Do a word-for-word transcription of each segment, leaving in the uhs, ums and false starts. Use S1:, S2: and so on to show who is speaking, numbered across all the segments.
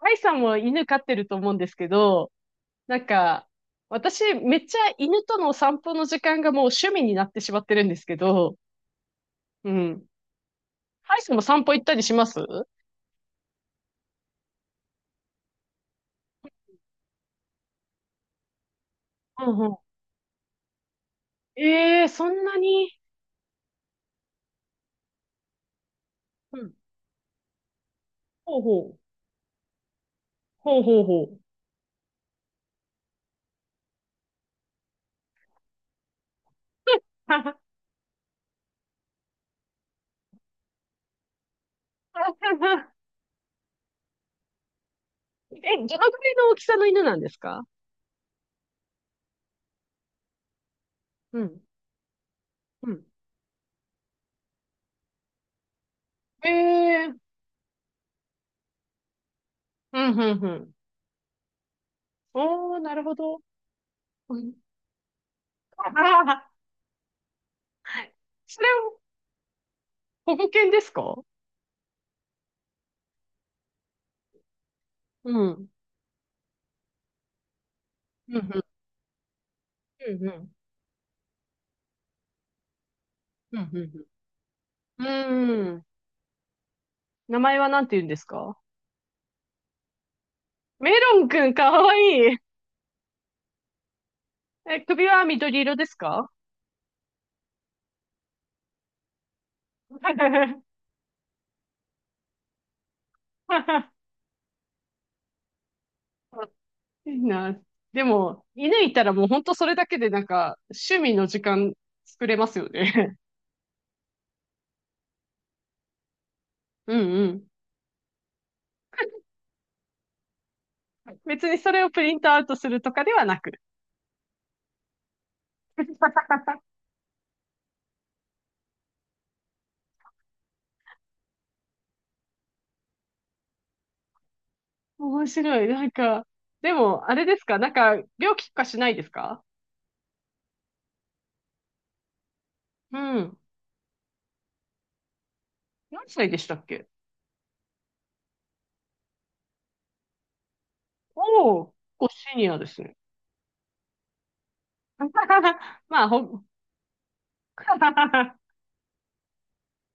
S1: アイさんも犬飼ってると思うんですけど、なんか、私、めっちゃ犬との散歩の時間がもう趣味になってしまってるんですけど。うん。アイさんも散歩行ったりします？うん。うん。ええー、そんなに。うん。ほうほう。ほうほうほう。え、どのくらいの大きさの犬なんですか？うん。うん。ええー、うん、うん、うん。おー、なるほど。うん。あ、あ、それを保護犬ですか？うん。うん。うん、うん、うん、うん。うん、うん、うーん。名前はなんて言うんですか？メロンくんかわいい。え、首は緑色ですか？ いいな。でも、犬いたらもうほんとそれだけでなんか、趣味の時間作れますよね。うん、うん。別にそれをプリントアウトするとかではなく。面白い。なんか、でも、あれですかなんか、病気とかしないですか？うん。何歳でしたっけ？おおー、結構シニアですね。まあ、ほ、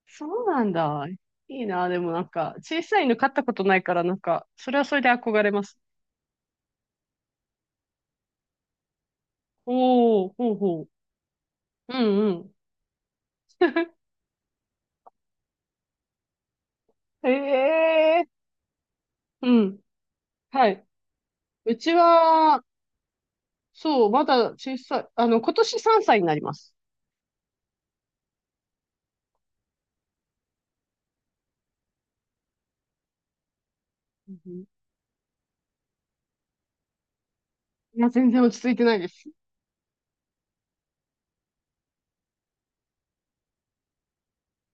S1: そうなんだ。いいな。でもなんか、小さい犬飼ったことないから、なんか、それはそれで憧れます。おー、ほうほう。うん、うん。ええー、うん。はい。うちは、そう、まだ小さい。あの、今年さんさいになります。うん、いや、全然落ち着いてないです。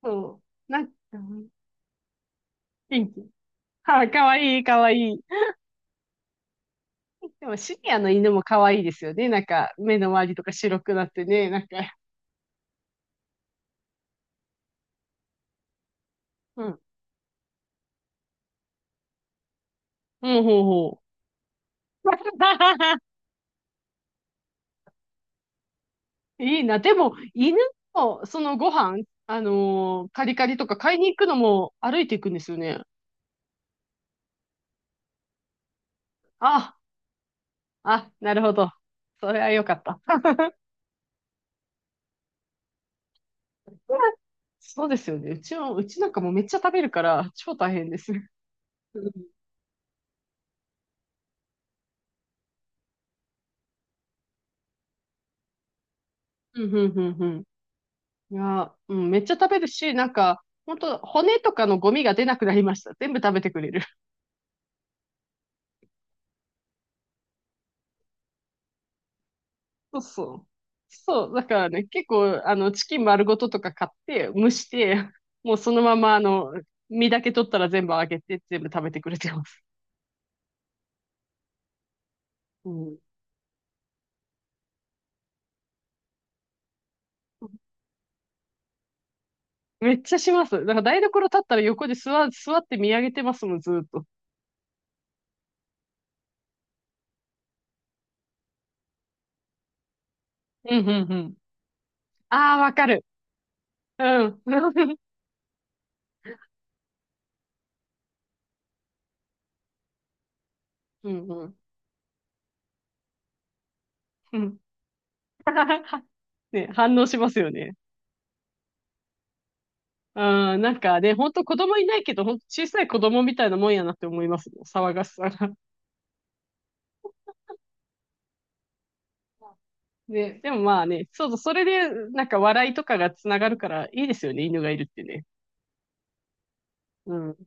S1: そう。なんか、元気。はい、かわいい、かわいい。でも、シニアの犬もかわいいですよね。なんか、目の周りとか白くなってね。なんか、うん。うん、ほうほう。いいな。でも、犬も、そのご飯、あのーカリカリとか買いに行くのも歩いていくんですよね。あ、あ、なるほど。それはよかった。そうですよね。うちも、うちなんかもうめっちゃ食べるから、超大変です。うん、うん、うん、うん。いや、うん、めっちゃ食べるし、なんか、本当骨とかのゴミが出なくなりました。全部食べてくれる。そうそう。そう、だからね、結構、あの、チキン丸ごととか買って、蒸して、もうそのまま、あの、身だけ取ったら全部あげて、全部食べてくれてます。うん。めっちゃします。だから台所立ったら横で座、座って見上げてますもん、ずーっと。うん、うん、うん。ああ、わかる。うん。うん、うん。うん。ね、反応しますよね。うん、なんかね、ほんと子供いないけど、ほんと小さい子供みたいなもんやなって思いますもん、騒がしさが。ね、でもまあね、そうそう、それで、なんか笑いとかがつながるからいいですよね、犬がいるってね。うん。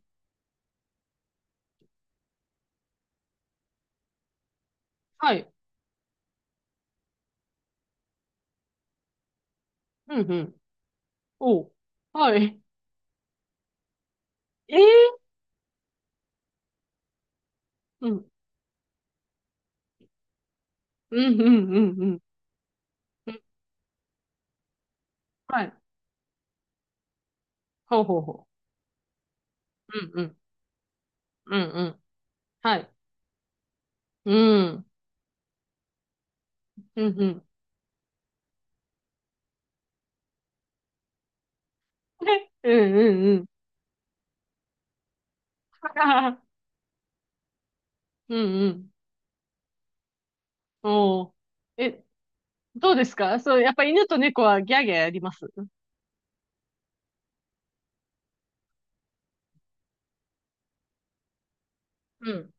S1: はい。うん、うん。おう。はい。ええ、うん。うん、うん、うん、うん。うん、はい。ほうほうほう。うん、うん。うん、うん。はい。うん。うん、うん。うん、うん、うん。ははは、うん、うん。おう。え、どうですかそう、やっぱ犬と猫はギャーギャーやります？うん。うん、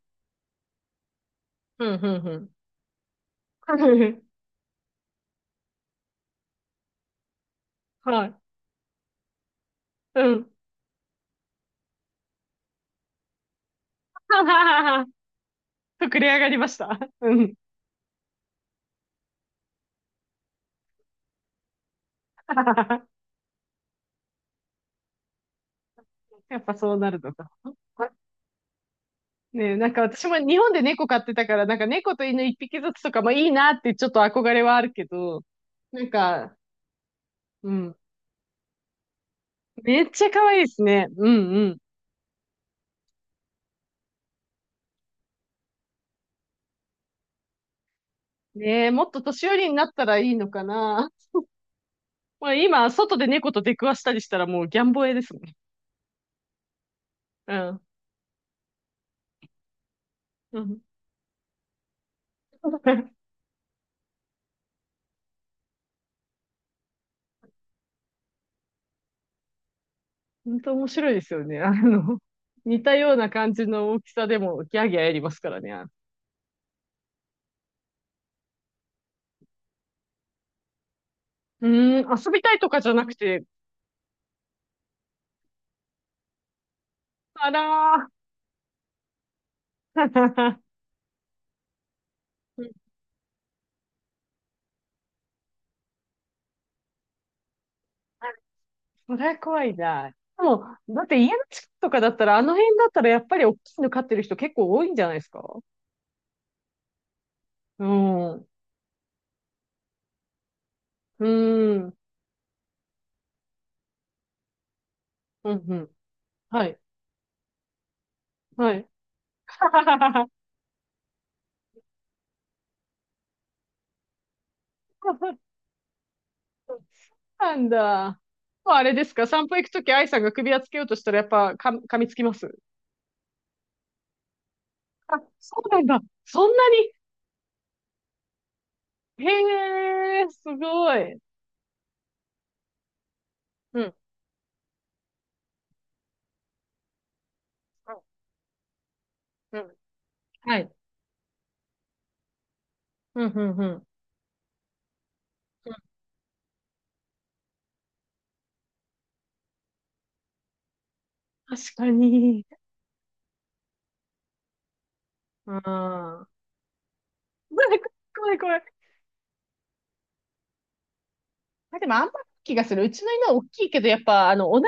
S1: うん、うん。はい。うん。はははは。 膨れ上がりました。うん。やっぱそうなるのか。ねえ、なんか私も日本で猫飼ってたから、なんか猫と犬一匹ずつとかもいいなってちょっと憧れはあるけど、なんか、うん。めっちゃ可愛いですね。うん、うん。ねえ、もっと年寄りになったらいいのかな。まあ今、外で猫と出くわしたりしたらもうギャンボエですもん。うん。うん。本当面白いですよね。あの、似たような感じの大きさでもギャーギャーやりますからね。うーん、遊びたいとかじゃなくて、あらー。ん、それは怖いな。でも、だって家の近くとかだったら、あの辺だったらやっぱり大きいの飼ってる人結構多いんじゃないですか？うん。うーん。うん、うん。はい。はい。なんだ。もうあれですか散歩行くとき愛さんが首輪つけようとしたらやっぱか噛みつきます？あ、そうなんだ。そんなに。へえ、すごい。うん。うん。うん、はい。うん、うん、うん。確かに。うん。怖い怖い怖い。あ、でもあんまり気がする。うちの犬は大きいけど、やっぱ、あの、同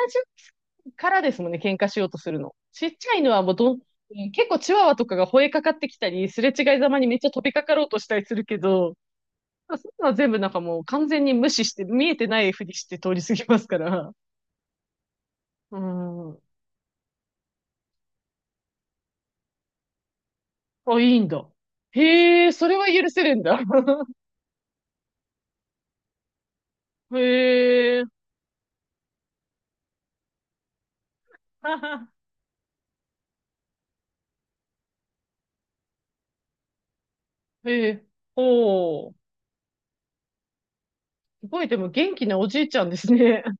S1: じからですもんね、喧嘩しようとするの。ちっちゃい犬はもうどん、うん、結構チワワとかが吠えかかってきたり、すれ違いざまにめっちゃ飛びかかろうとしたりするけど、まあそういうのは全部なんかもう完全に無視して、見えてないふりして通り過ぎますから。うん。あ、いいんだ。へえ、それは許せるんだ。へえ。へえ。ほう。すごい、でも元気なおじいちゃんですね。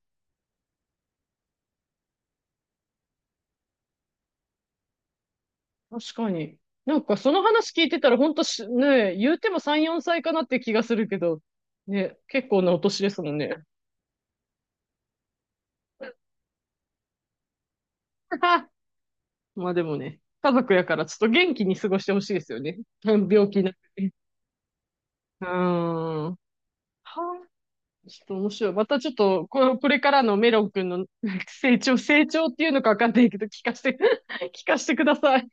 S1: 確かに。なんかその話聞いてたら、ほんとし、ねえ、言うてもさん、よんさいかなって気がするけど、ね、結構なお年ですもんね。まあでもね、家族やからちょっと元気に過ごしてほしいですよね。うん、病気なくてね。うーん。はあ、ちょっと面白い。またちょっと、これ、これからのメロン君の 成長、成長っていうのかわかんないけど、聞かせて、聞かせてください。